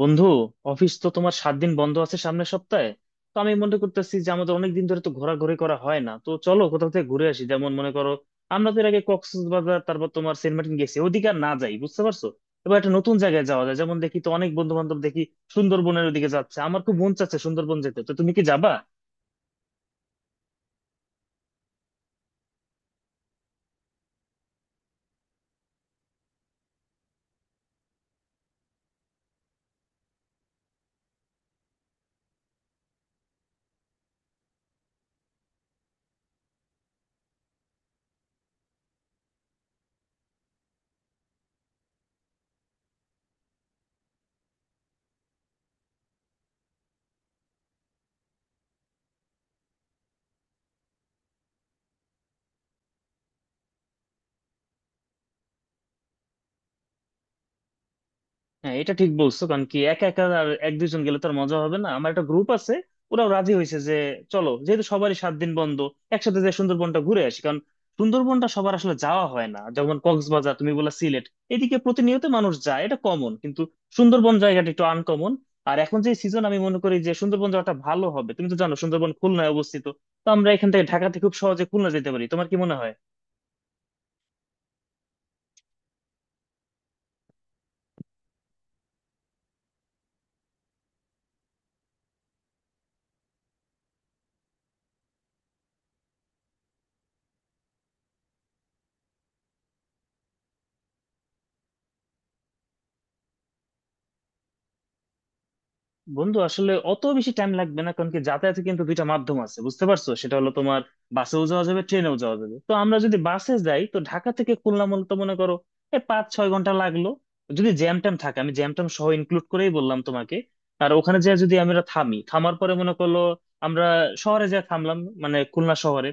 বন্ধু, অফিস তো তোমার 7 দিন বন্ধ আছে সামনের সপ্তাহে। তো আমি মনে করতেছি যে আমাদের অনেক দিন ধরে তো ঘোরাঘুরি করা হয় না, তো চলো কোথাও থেকে ঘুরে আসি। যেমন মনে করো, আমরা তো এর আগে কক্সবাজার, তারপর তোমার সেন্ট মার্টিন গেছি, ওদিকে আর না যাই, বুঝতে পারছো। এবার একটা নতুন জায়গায় যাওয়া যায়। যেমন দেখি তো অনেক বন্ধু বান্ধব দেখি সুন্দরবনের ওদিকে যাচ্ছে, আমার খুব মন চাচ্ছে সুন্দরবন যেতে। তো তুমি কি যাবা? হ্যাঁ, এটা ঠিক বলছো, কারণ কি একা একা আর 1 2 জন গেলে তো আর মজা হবে না। আমার একটা গ্রুপ আছে, ওরাও রাজি হয়েছে যে চলো, যেহেতু সবারই 7 দিন বন্ধ, একসাথে যে সুন্দরবনটা ঘুরে আসি। কারণ সুন্দরবনটা সবার আসলে যাওয়া হয় না। যেমন কক্সবাজার, তুমি বললা সিলেট, এদিকে প্রতিনিয়ত মানুষ যায়, এটা কমন, কিন্তু সুন্দরবন জায়গাটা একটু আনকমন। আর এখন যে সিজন, আমি মনে করি যে সুন্দরবন যাওয়াটা ভালো হবে। তুমি তো জানো সুন্দরবন খুলনায় অবস্থিত, তো আমরা এখান থেকে, ঢাকা থেকে খুব সহজে খুলনা যেতে পারি। তোমার কি মনে হয়? বন্ধু, আসলে অত বেশি টাইম লাগবে না, কারণ কি যাতায়াতে কিন্তু দুইটা মাধ্যম আছে, বুঝতে পারছো। সেটা হলো তোমার বাসেও যাওয়া যাবে, ট্রেনেও যাওয়া যাবে। তো আমরা যদি বাসে যাই তো ঢাকা থেকে খুলনা মূলত মনে করো এই 5 6 ঘন্টা লাগলো, যদি জ্যাম ট্যাম থাকে। আমি জ্যাম ট্যাম সহ ইনক্লুড করেই বললাম তোমাকে। আর ওখানে যে, যদি আমরা থামি, থামার পরে মনে করলো আমরা শহরে যা থামলাম, মানে খুলনা শহরে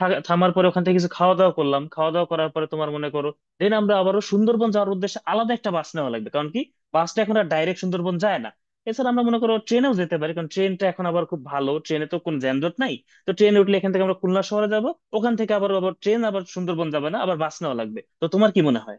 থামার পরে ওখান থেকে কিছু খাওয়া দাওয়া করলাম, খাওয়া দাওয়া করার পরে তোমার মনে করো দেন আমরা আবারও সুন্দরবন যাওয়ার উদ্দেশ্যে আলাদা একটা বাস নেওয়া লাগবে, কারণ কি বাসটা এখন আর ডাইরেক্ট সুন্দরবন যায় না। এছাড়া আমরা মনে করো ট্রেনেও যেতে পারি, কারণ ট্রেনটা এখন আবার খুব ভালো, ট্রেনে তো কোনো যানজট নাই। তো ট্রেনে উঠলে এখান থেকে আমরা খুলনা শহরে যাব, ওখান থেকে আবার, ট্রেন আবার সুন্দরবন যাবে না, আবার বাস নেওয়া লাগবে। তো তোমার কি মনে হয়?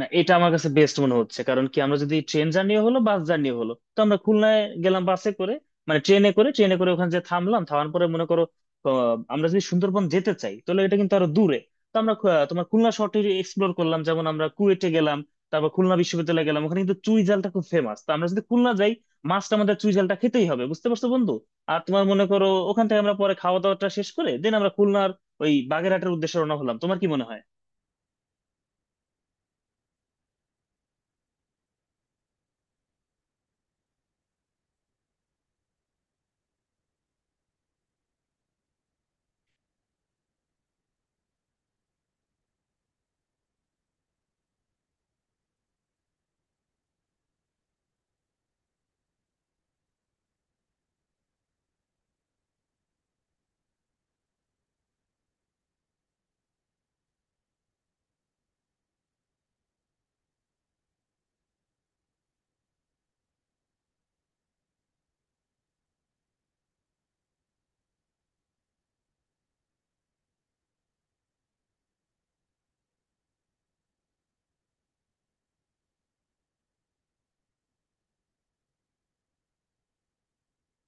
না, এটা আমার কাছে বেস্ট মনে হচ্ছে, কারণ কি আমরা যদি ট্রেন জার্নি হলো, বাস জার্নি হলো, তো আমরা খুলনায় গেলাম বাসে করে, মানে ট্রেনে করে, ওখানে যে থামলাম, থামার পরে মনে করো, আমরা যদি সুন্দরবন যেতে চাই, তাহলে এটা কিন্তু আরো দূরে। তো আমরা তোমার খুলনা শহরটি এক্সপ্লোর করলাম, যেমন আমরা কুয়েটে গেলাম, তারপর খুলনা বিশ্ববিদ্যালয়ে গেলাম। ওখানে কিন্তু চুই জালটা খুব ফেমাস, তো আমরা যদি খুলনা যাই, মাছটা আমাদের, চুই জালটা খেতেই হবে, বুঝতে পারছো বন্ধু। আর তোমার মনে করো ওখান থেকে আমরা পরে খাওয়া দাওয়াটা শেষ করে দেন আমরা খুলনার ওই বাগেরহাটের উদ্দেশ্যে রওনা হলাম। তোমার কি মনে হয়?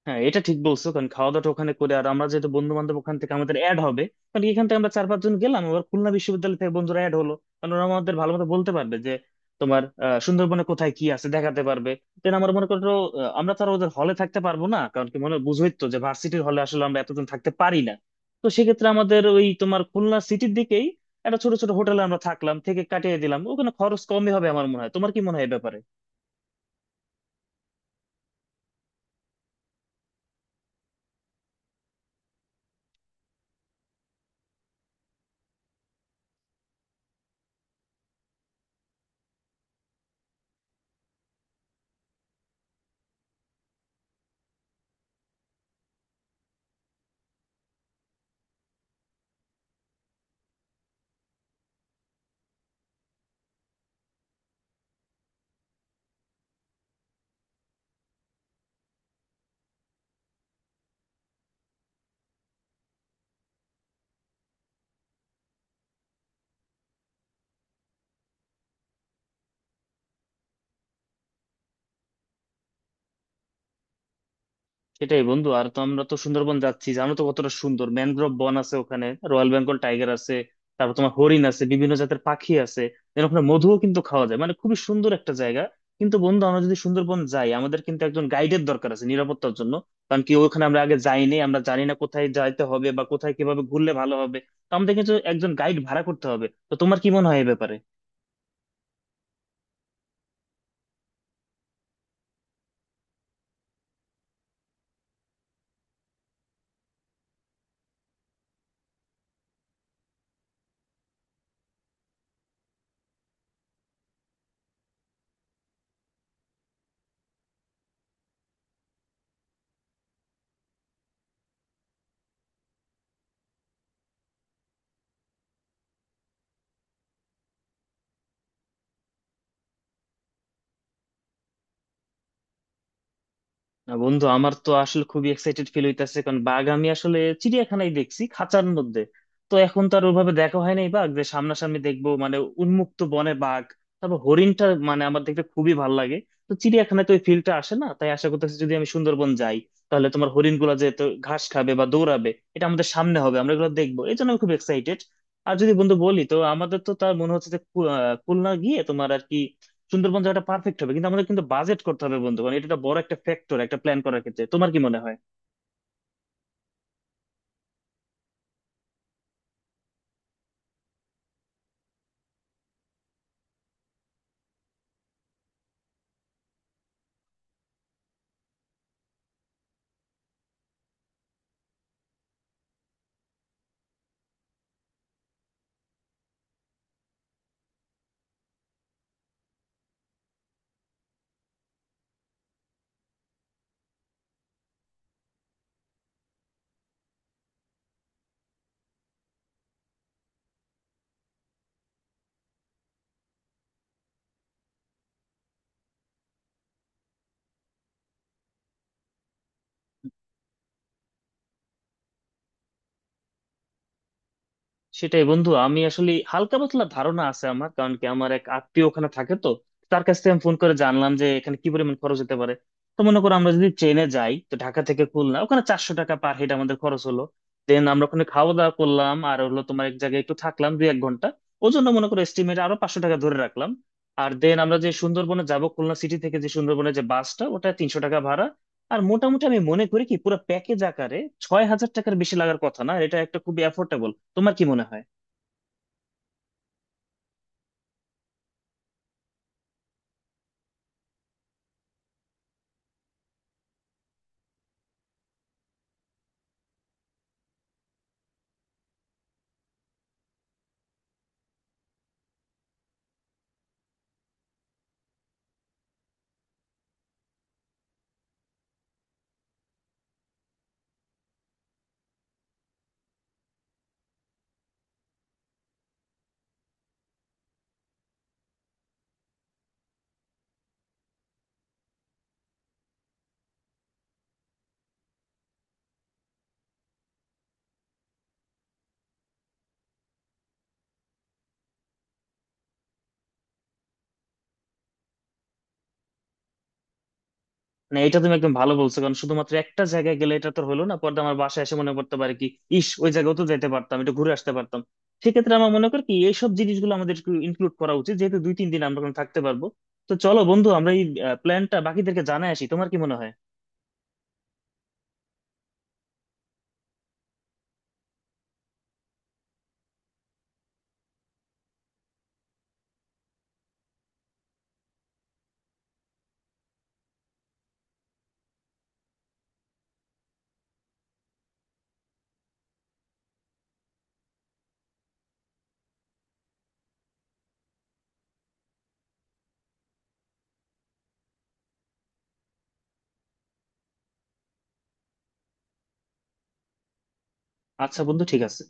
হ্যাঁ, এটা ঠিক বলছো, কারণ খাওয়া দাওয়াটা ওখানে করে, আর আমরা যেহেতু বন্ধু বান্ধব ওখান থেকে আমাদের অ্যাড হবে। কারণ এখান থেকে আমরা 4 5 জন গেলাম, আবার খুলনা বিশ্ববিদ্যালয় থেকে বন্ধুরা অ্যাড হলো, কারণ ওরা আমাদের ভালো মতো বলতে পারবে যে তোমার সুন্দরবনে কোথায় কি আছে দেখাতে পারবে। দেন আমার মনে করো, আমরা তো আর ওদের হলে থাকতে পারবো না, কারণ কি মনে বুঝোই তো যে ভার্সিটির হলে আসলে আমরা এতজন থাকতে পারি না। তো সেক্ষেত্রে আমাদের ওই তোমার খুলনা সিটির দিকেই একটা ছোট ছোট হোটেলে আমরা থাকলাম, থেকে কাটিয়ে দিলাম, ওখানে খরচ কমই হবে আমার মনে হয়। তোমার কি মনে হয় এ ব্যাপারে? সেটাই বন্ধু। আর তো আমরা তো সুন্দরবন যাচ্ছি, জানো তো কতটা সুন্দর ম্যানগ্রোভ বন আছে, ওখানে রয়্যাল বেঙ্গল টাইগার আছে, তারপর তোমার হরিণ আছে, বিভিন্ন জাতের পাখি আছে। এর ওখানে মধুও কিন্তু খাওয়া যায়, মানে খুবই সুন্দর একটা জায়গা। কিন্তু বন্ধু, আমরা যদি সুন্দরবন যাই, আমাদের কিন্তু একজন গাইডের দরকার আছে নিরাপত্তার জন্য। কারণ কি ওখানে আমরা আগে যাইনি, আমরা জানি না কোথায় যাইতে হবে বা কোথায় কিভাবে ঘুরলে ভালো হবে। তো আমাদের কিন্তু একজন গাইড ভাড়া করতে হবে। তো তোমার কি মনে হয় এ ব্যাপারে? না বন্ধু, আমার তো আসলে খুবই এক্সাইটেড ফিল হইতেছে, কারণ বাঘ আমি আসলে চিড়িয়াখানায় দেখছি খাঁচার মধ্যে। তো এখন তো আর ওভাবে দেখা হয় নাই বাঘ যে সামনাসামনি দেখবো, মানে উন্মুক্ত বনে বাঘ। তারপর হরিণটা মানে আমার দেখতে খুবই ভালো লাগে। তো চিড়িয়াখানায় তো ওই ফিলটা আসে না, তাই আশা করতেছি যদি আমি সুন্দরবন যাই, তাহলে তোমার হরিণ গুলা যেহেতু ঘাস খাবে বা দৌড়াবে, এটা আমাদের সামনে হবে, আমরা এগুলো দেখবো, এই জন্য আমি খুব এক্সাইটেড। আর যদি বন্ধু বলি তো আমাদের তো তার মনে হচ্ছে যে খুলনা গিয়ে তোমার আর কি সুন্দরবন জায়গাটা পারফেক্ট হবে। কিন্তু আমাদের কিন্তু বাজেট করতে হবে বন্ধু, কারণ এটা একটা বড়, একটা ফ্যাক্টর একটা প্ল্যান করার ক্ষেত্রে। তোমার কি মনে হয়? সেটাই বন্ধু, আমি আসলে হালকা পাতলা ধারণা আছে আমার, কারণ কি আমার এক আত্মীয় ওখানে থাকে। তো তার কাছ থেকে আমি ফোন করে জানলাম যে এখানে কি পরিমাণ খরচ হতে পারে। তো মনে করো আমরা যদি ট্রেনে যাই তো ঢাকা থেকে খুলনা ওখানে 400 টাকা পার হেড আমাদের খরচ হলো। দেন আমরা ওখানে খাওয়া দাওয়া করলাম, আর হলো তোমার এক জায়গায় একটু থাকলাম 2 1 ঘন্টা, ওই জন্য মনে করো এস্টিমেট আরো 500 টাকা ধরে রাখলাম। আর দেন আমরা যে সুন্দরবনে যাব খুলনা সিটি থেকে, যে সুন্দরবনে যে বাসটা, ওটা 300 টাকা ভাড়া। আর মোটামুটি আমি মনে করি কি পুরো প্যাকেজ আকারে 6,000 টাকার বেশি লাগার কথা না। আর এটা একটা খুবই অ্যাফোর্ডেবল। তোমার কি মনে হয়? মানে এটা তুমি একদম ভালো বলছো, কারণ শুধুমাত্র একটা জায়গায় গেলে এটা তো হলো না, পরে আমার বাসায় এসে মনে করতে পারে কি ইস, ওই জায়গাও তো যেতে পারতাম, একটু ঘুরে আসতে পারতাম। সেক্ষেত্রে আমার মনে করি কি এইসব জিনিসগুলো আমাদের ইনক্লুড করা উচিত, যেহেতু 2 3 দিন আমরা ওখানে থাকতে পারবো। তো চলো বন্ধু, আমরা এই প্ল্যানটা বাকিদেরকে জানাই আসি। তোমার কি মনে হয়? আচ্ছা বন্ধু, ঠিক আছে।